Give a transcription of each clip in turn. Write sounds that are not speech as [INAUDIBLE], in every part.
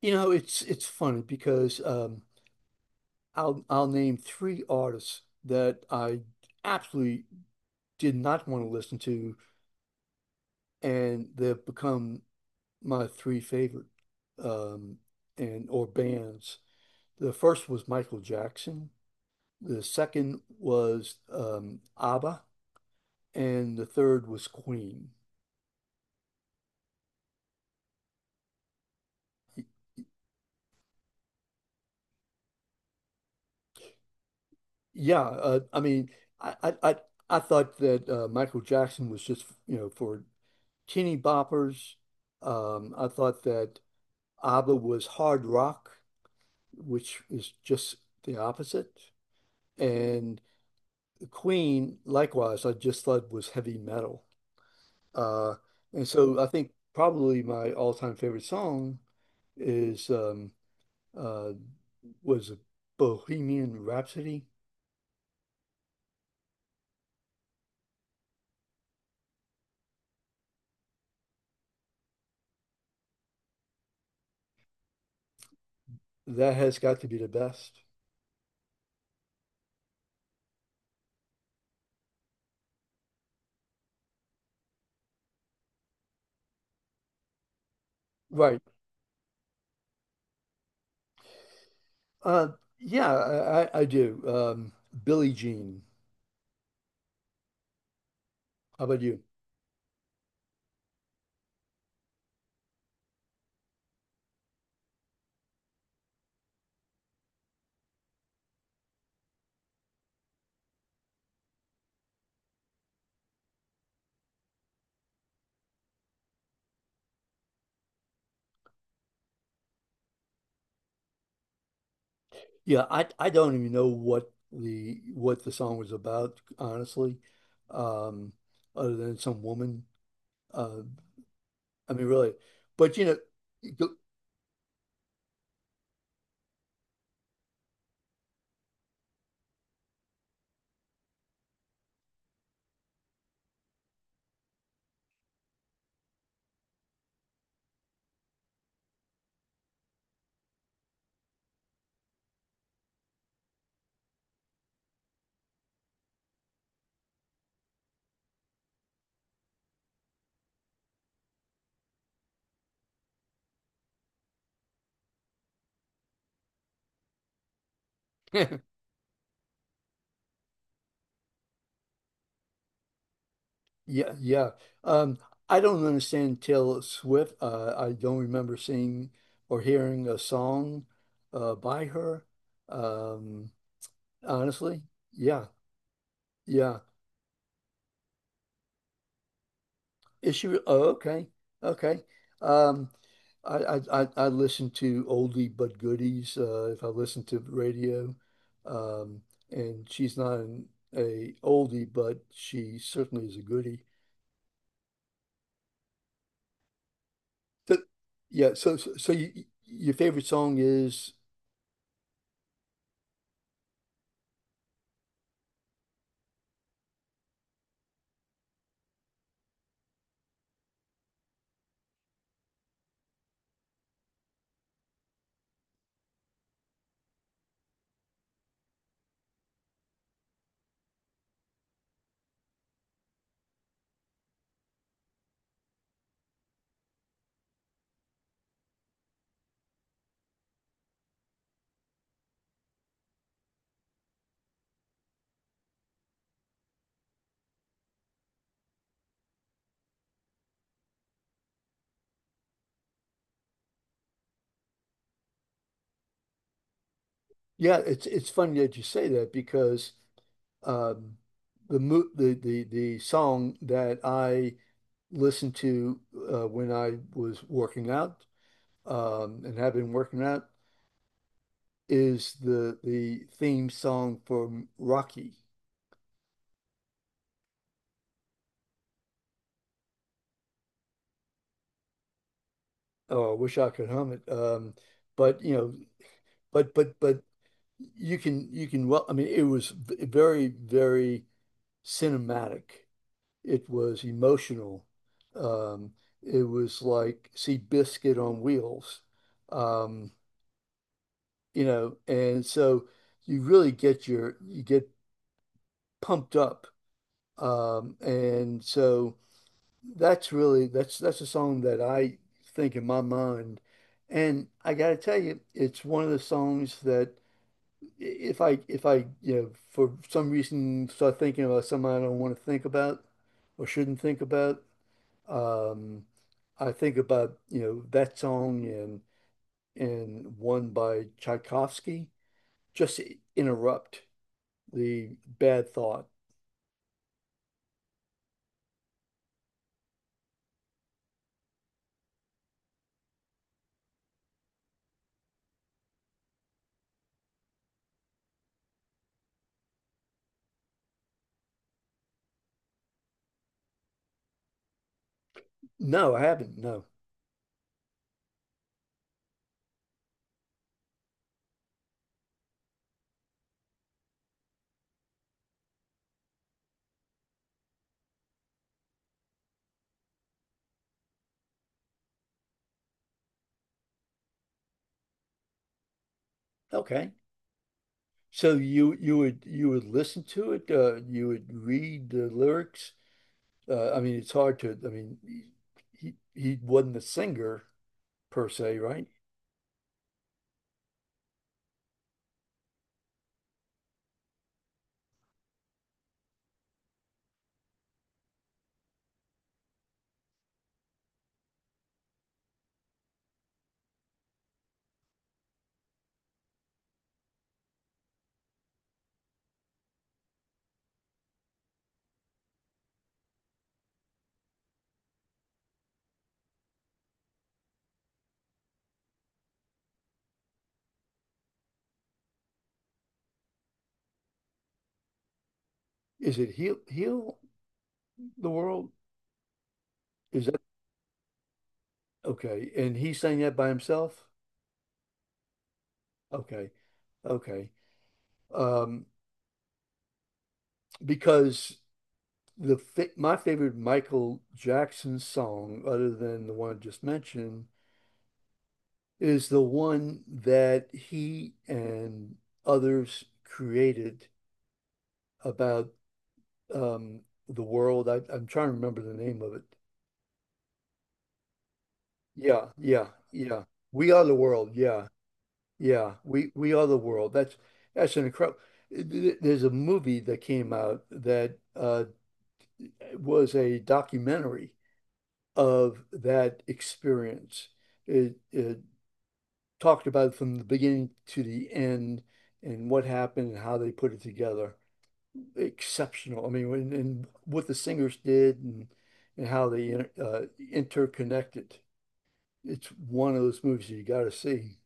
It's funny because I'll name three artists that I absolutely did not want to listen to, and they've become my three favorite um, and or bands. The first was Michael Jackson, the second was ABBA, and the third was Queen. Yeah, I mean, I I I I thought that Michael Jackson was just for teeny boppers. I thought that ABBA was hard rock, which is just the opposite. And Queen, likewise, I just thought was heavy metal. Uh, and so I think probably my all-time favorite song is uh, was Bohemian Rhapsody. That has got to be the best. Right. Uh, yeah, I do. Billie Jean. How about you? Yeah, I don't even know what the song was about, honestly, um, other than some woman. Uh, I mean, really, but you go- [LAUGHS] yeah, yeah. Um, I don't understand Taylor Swift. I don't remember seeing or hearing a song by her. Um, honestly, yeah, yeah. Is she? Oh, okay, okay. Um, I listen to oldie but goodies. If I listen to the radio, um, and she's not an a oldie, but she certainly is a goodie. So, yeah. So your favorite song is, yeah. It's funny that you say that because um, the mo the song that I listened to when I was working out and have been working out is the theme song from Rocky. Oh, I wish I could hum it. But you know, but you can well, I mean, it was very very cinematic. It was emotional. Um, it was like see biscuit on wheels. Um, and so you really get your you get pumped up. And so. That's a song that I think in my mind, and I gotta tell you, it's one of the songs that I- if I if I you know for some reason start thinking about something I don't want to think about or shouldn't think about, um, I think about that song and one by Tchaikovsky just to interrupt the bad thought. No, I haven't. No. Okay. So you would listen to it, you would read the lyrics. I mean, it's hard to. I mean, he wasn't a singer per se, right? Is it heal the world? Is that okay? And he sang that by himself? Okay, okay. Um, because the fa my favorite Michael Jackson song, other than the one I just mentioned, is the one that he and others created about um, the world. I'm trying to remember the name of it. Yeah, yeah, yeah. We are the world. Yeah, yeah. We are the world. That's an incredible. There's a movie that came out that was a documentary of that experience. It talked about it from the beginning to the end and what happened and how they put it together. Exceptional. I mean, and what the singers did and how they interconnected. It's one of those movies you got to see.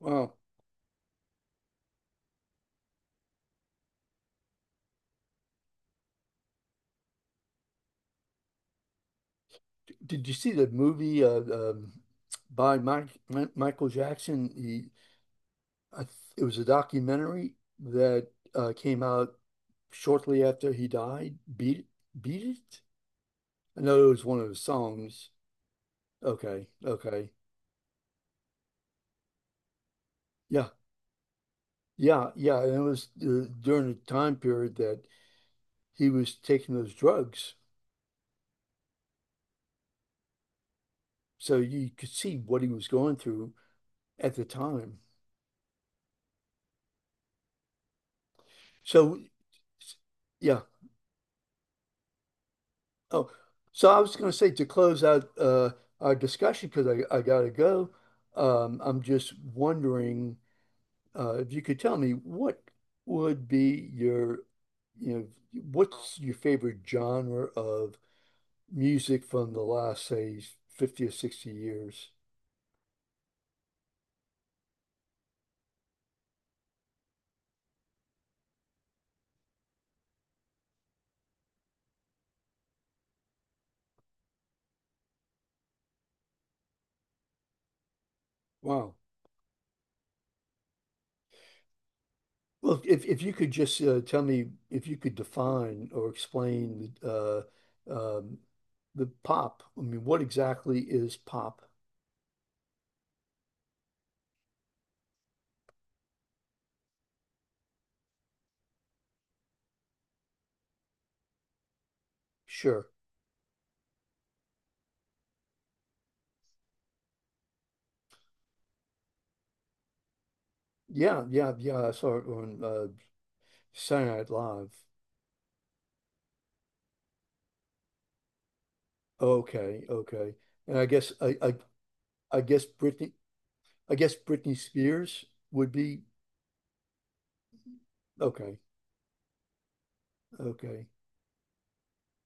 Wow. Did you see the movie by Michael Jackson? I, th- it was a documentary that came out shortly after he died. Beat It? I know it was one of his songs. Okay, okay. Yeah, yeah, yeah. And it was during a time period that. He was taking those drugs. So you could see what he was going through at the time. So, yeah. Oh, so I was going to say to close out our discussion because I got to go. I'm just wondering if you could tell me what would be your, you know, what's your favorite genre of music from the last, say, 50 or 60 years? Wow. Well, if you could just tell me if you could define or explain um, the pop. I mean, what exactly is pop? Sure. Yeah, yeah, yeah. I saw it on Saturday Night Live. Okay, okay. And I guess I guess Britney Britney Spears would be. Okay, okay,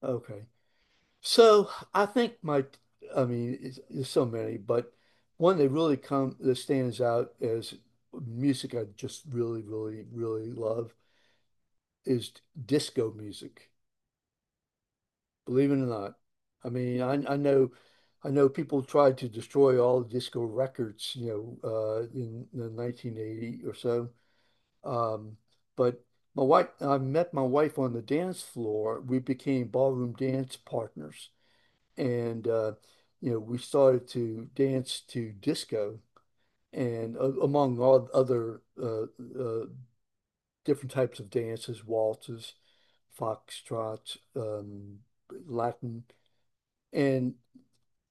okay. So I think I mean, there's so many, but one that really come that stands out as music I just really, really, really love is disco music. Believe it or not, I mean, I know people tried to destroy all the disco records, in the 1980 or so. Um, but my wife, I met my wife on the dance floor. We became ballroom dance partners. And we started to dance to disco and among all other uh, different types of dances, waltzes, foxtrots, Latin, and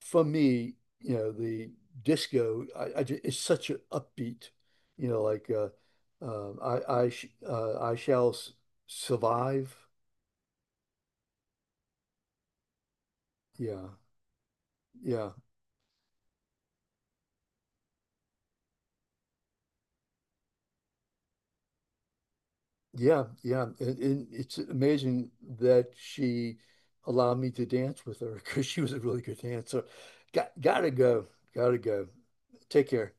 for me, the disco, it's such an upbeat, like uh, I shall survive, yeah, yeah. Yeah, yeah. And it's amazing that she allowed me to dance with her [LAUGHS] because she was a really good dancer. Gotta go. Gotta go. Take care.